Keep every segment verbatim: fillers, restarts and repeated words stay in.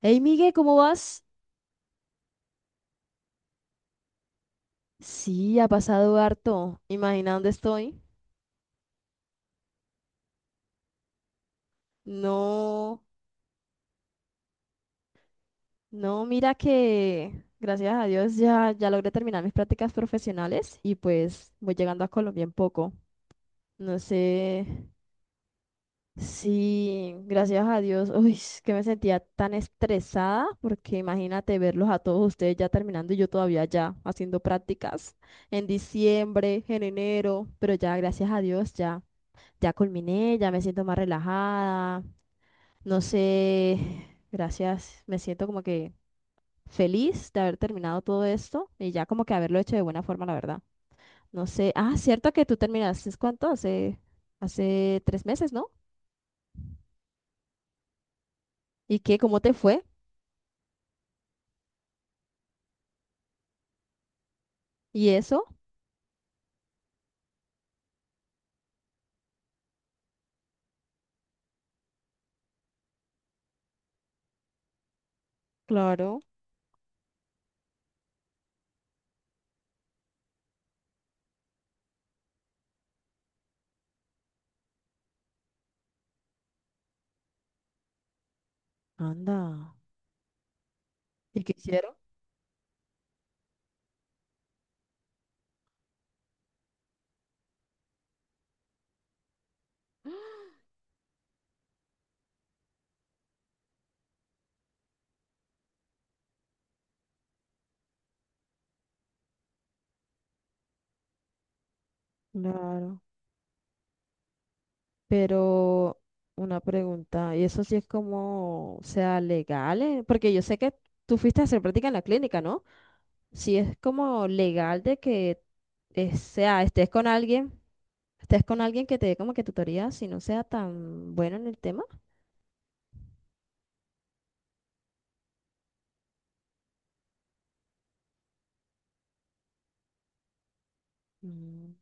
Hey, Miguel, ¿cómo vas? Sí, ha pasado harto. Imagina dónde estoy. No, no, mira que gracias a Dios ya, ya logré terminar mis prácticas profesionales y pues voy llegando a Colombia en poco. No sé si, gracias a Dios, uy, es que me sentía tan estresada porque imagínate verlos a todos ustedes ya terminando y yo todavía ya haciendo prácticas en diciembre, en enero, pero ya gracias a Dios ya. Ya culminé, ya me siento más relajada. No sé, gracias. Me siento como que feliz de haber terminado todo esto y ya como que haberlo hecho de buena forma, la verdad. No sé. Ah, cierto que tú terminaste, ¿cuánto? Hace, hace tres meses, ¿no? ¿Y qué? ¿Cómo te fue? ¿Y eso? Claro. Anda. ¿Y qué hicieron? Claro. Pero una pregunta, ¿y eso sí es como, o sea, legal? eh? Porque yo sé que tú fuiste a hacer práctica en la clínica, ¿no? Si es como legal de que eh, sea, estés con alguien, estés con alguien que te dé como que tutoría, si no sea tan bueno en el tema. Mm.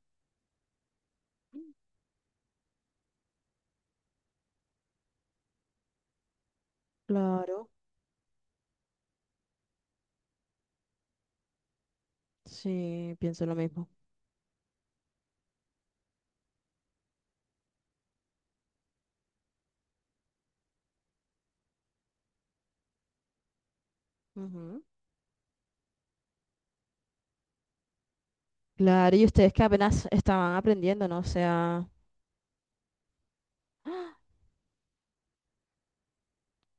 Claro, sí, pienso lo mismo. Ujú. Claro, y ustedes que apenas estaban aprendiendo, ¿no? O sea,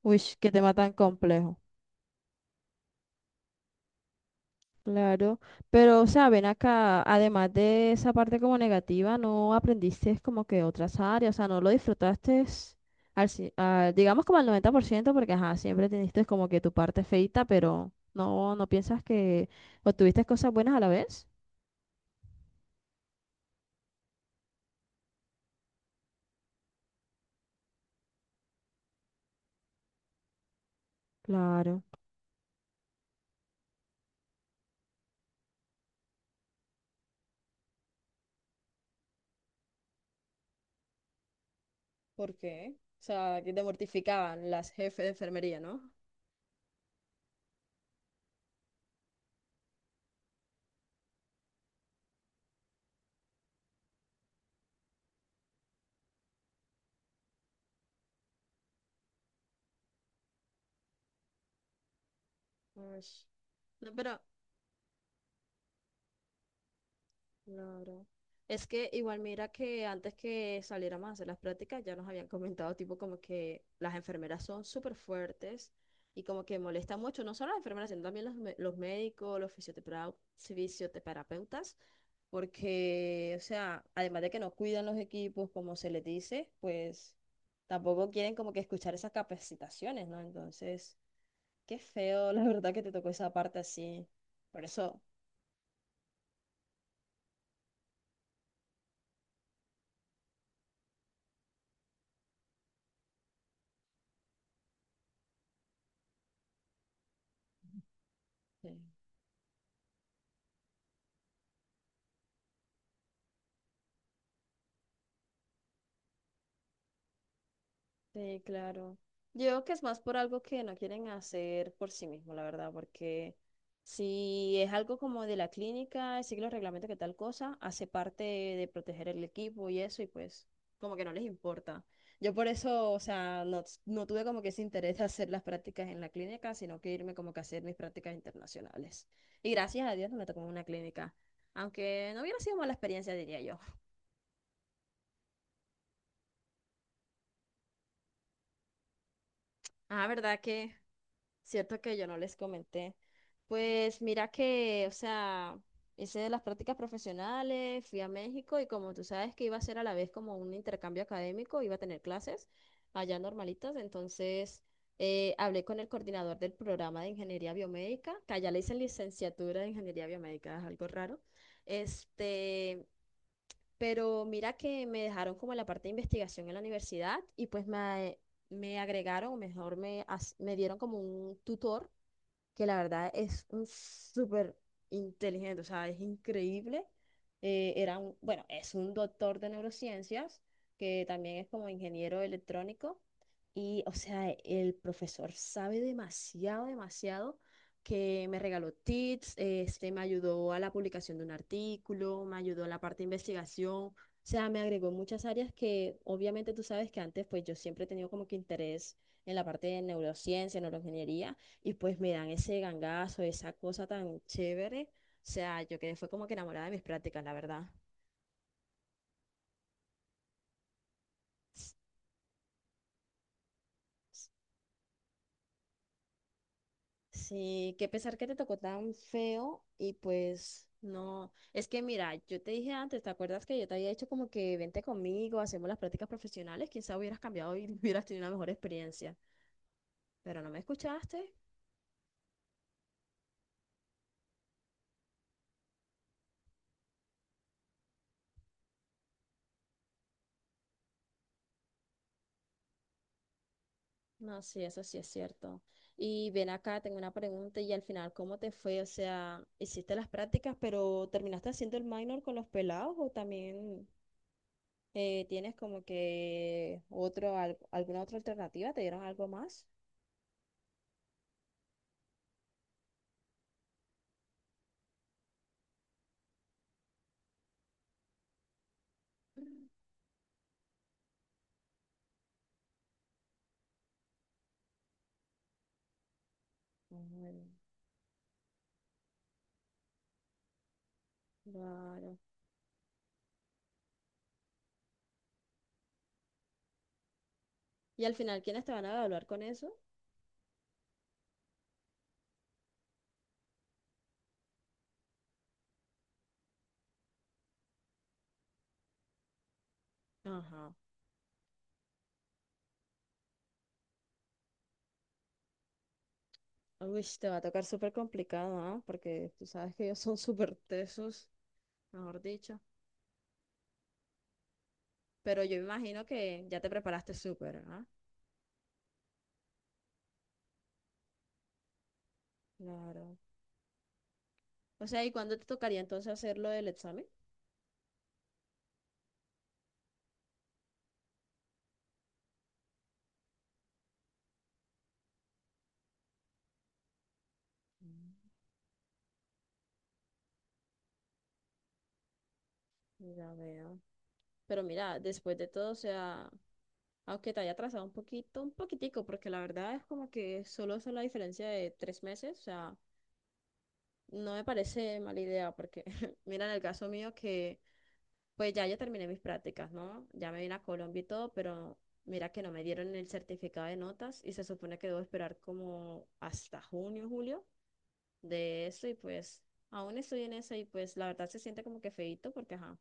uy, qué tema tan complejo. Claro, pero, o sea, ven acá, además de esa parte como negativa, no aprendiste como que otras áreas, o sea, no lo disfrutaste al, ci- al- digamos como al noventa por ciento? Porque, ajá, siempre teniste como que tu parte feita, pero no, no piensas que obtuviste cosas buenas a la vez. Claro. ¿Por qué? O sea, que te mortificaban las jefes de enfermería, ¿no? Ush. No, pero Claro. Es que igual mira que antes que saliéramos a hacer las prácticas ya nos habían comentado tipo como que las enfermeras son súper fuertes y como que molesta mucho, no solo las enfermeras, sino también los, me- los médicos, los fisiotera- fisioterapeutas, porque, o sea, además de que no cuidan los equipos como se les dice, pues tampoco quieren como que escuchar esas capacitaciones, ¿no? Entonces, qué feo, la verdad que te tocó esa parte así. Por eso... Sí. Sí, claro. Yo creo que es más por algo que no quieren hacer por sí mismo, la verdad, porque si es algo como de la clínica, sigue los reglamentos que tal cosa, hace parte de proteger el equipo y eso, y pues como que no les importa. Yo por eso, o sea, no, no tuve como que ese interés de hacer las prácticas en la clínica, sino que irme como que a hacer mis prácticas internacionales. Y gracias a Dios no me tocó en una clínica, aunque no hubiera sido mala experiencia, diría yo. Ah, ¿verdad que... Cierto que yo no les comenté. Pues mira que, o sea, hice las prácticas profesionales, fui a México y como tú sabes que iba a ser a la vez como un intercambio académico, iba a tener clases allá normalitas, entonces eh, hablé con el coordinador del programa de ingeniería biomédica, que allá le dicen licenciatura de ingeniería biomédica, es algo raro. Este, pero mira que me dejaron como la parte de investigación en la universidad y pues me, me agregaron, o mejor me, as- me dieron como un tutor que la verdad es un súper inteligente, o sea, es increíble. Eh, era un, bueno, es un doctor de neurociencias, que también es como ingeniero electrónico, y, o sea, el profesor sabe demasiado, demasiado, que me regaló tips, este, me ayudó a la publicación de un artículo, me ayudó en la parte de investigación, o sea, me agregó muchas áreas que obviamente tú sabes que antes, pues yo siempre he tenido como que interés en la parte de neurociencia, neuroingeniería, y pues me dan ese gangazo, esa cosa tan chévere, o sea, yo quedé, fue como que enamorada de mis prácticas, la verdad. Sí, qué pesar que te tocó tan feo y pues no, es que mira, yo te dije antes, ¿te acuerdas que yo te había dicho como que vente conmigo, hacemos las prácticas profesionales? Quizá hubieras cambiado y hubieras tenido una mejor experiencia, pero no me escuchaste. No, sí, eso sí es cierto. Y ven acá, tengo una pregunta y al final, ¿cómo te fue? O sea, hiciste las prácticas, pero ¿terminaste haciendo el minor con los pelados o también eh, tienes como que otro, al- alguna otra alternativa? ¿Te dieron algo más? Mm. Claro. Y al final, ¿quiénes te van a evaluar con eso? Ajá. Uy, te va a tocar súper complicado, ¿ah? Porque tú sabes que ellos son súper tesos, mejor dicho. Pero yo imagino que ya te preparaste súper, ¿ah? Claro. O sea, ¿y cuándo te tocaría entonces hacer lo del examen? Mm. Ya veo. Pero mira, después de todo, o sea, aunque te haya atrasado un poquito, un poquitico, porque la verdad es como que solo es la diferencia de tres meses, o sea, no me parece mala idea, porque mira en el caso mío que pues ya yo terminé mis prácticas, ¿no? Ya me vine a Colombia y todo, pero mira que no me dieron el certificado de notas y se supone que debo esperar como hasta junio, julio de eso y pues aún estoy en eso y pues la verdad se siente como que feíto porque, ajá,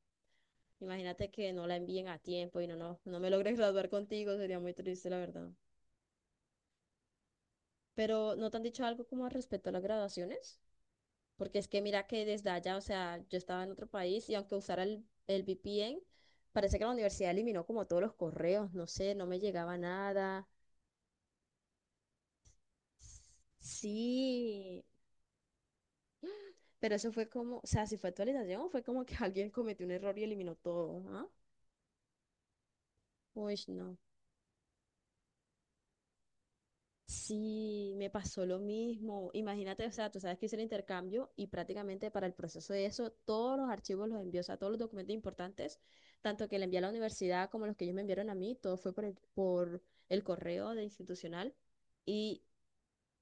imagínate que no la envíen a tiempo y no, no, no me logres graduar contigo, sería muy triste, la verdad. Pero ¿no te han dicho algo como al respecto a las graduaciones? Porque es que mira que desde allá, o sea, yo estaba en otro país y aunque usara el, el V P N, parece que la universidad eliminó como todos los correos, no sé, no me llegaba nada. Sí, pero eso fue como, o sea, si fue actualización, fue como que alguien cometió un error y eliminó todo, ¿ah? Uy, no. Sí, me pasó lo mismo. Imagínate, o sea, tú sabes que hice el intercambio y prácticamente para el proceso de eso, todos los archivos los envió, o sea, todos los documentos importantes, tanto que le envié a la universidad como los que ellos me enviaron a mí, todo fue por el, por el correo de institucional y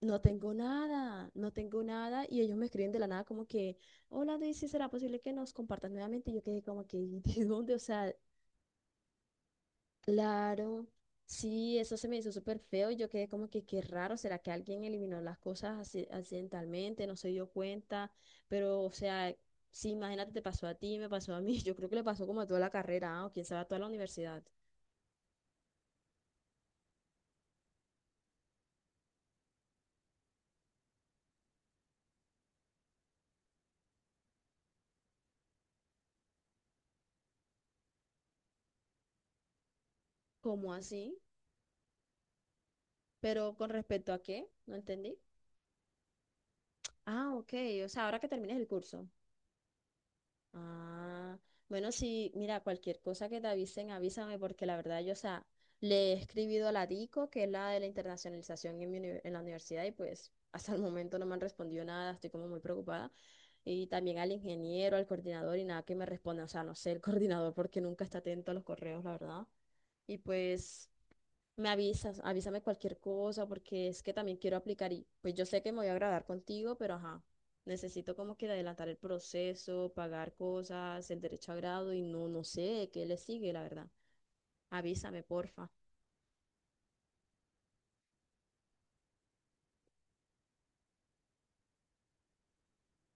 no tengo nada, no tengo nada y ellos me escriben de la nada como que, hola, Daisy, ¿será posible que nos compartas nuevamente? Y yo quedé como que, ¿de dónde? O sea, claro, sí, eso se me hizo súper feo y yo quedé como que qué raro, ¿será que alguien eliminó las cosas acci- accidentalmente, no se dio cuenta? Pero, o sea, sí, imagínate, te pasó a ti, me pasó a mí, yo creo que le pasó como a toda la carrera, ah, o quién sabe a toda la universidad. ¿Cómo así? Pero con respecto a qué, no entendí. Ah, ok, o sea, ahora que termines el curso. Ah, bueno, sí, mira, cualquier cosa que te avisen, avísame, porque la verdad yo, o sea, le he escribido a la DICO, que es la de la internacionalización en, mi uni- en la universidad, y pues hasta el momento no me han respondido nada, estoy como muy preocupada. Y también al ingeniero, al coordinador, y nada que me responda, o sea, no sé, el coordinador, porque nunca está atento a los correos, la verdad. Y pues me avisas, avísame cualquier cosa porque es que también quiero aplicar y pues yo sé que me voy a agradar contigo, pero ajá, necesito como que adelantar el proceso, pagar cosas, el derecho a grado y no, no sé qué le sigue, la verdad. Avísame, porfa.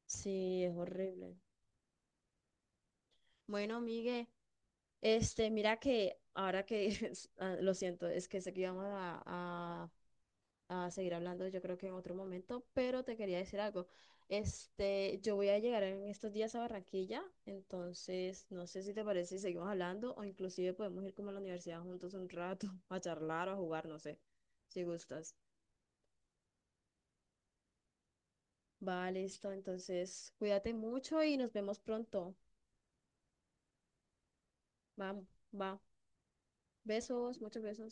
Sí, es horrible. Bueno, Migue, este, mira que ahora que, ah, lo siento, es que sé que íbamos a, a seguir hablando, yo creo que en otro momento, pero te quería decir algo. Este, yo voy a llegar en estos días a Barranquilla, entonces no sé si te parece si seguimos hablando o inclusive podemos ir como a la universidad juntos un rato a charlar o a jugar, no sé, si gustas. Va, listo, entonces cuídate mucho y nos vemos pronto. Va, va. Besos, muchos besos.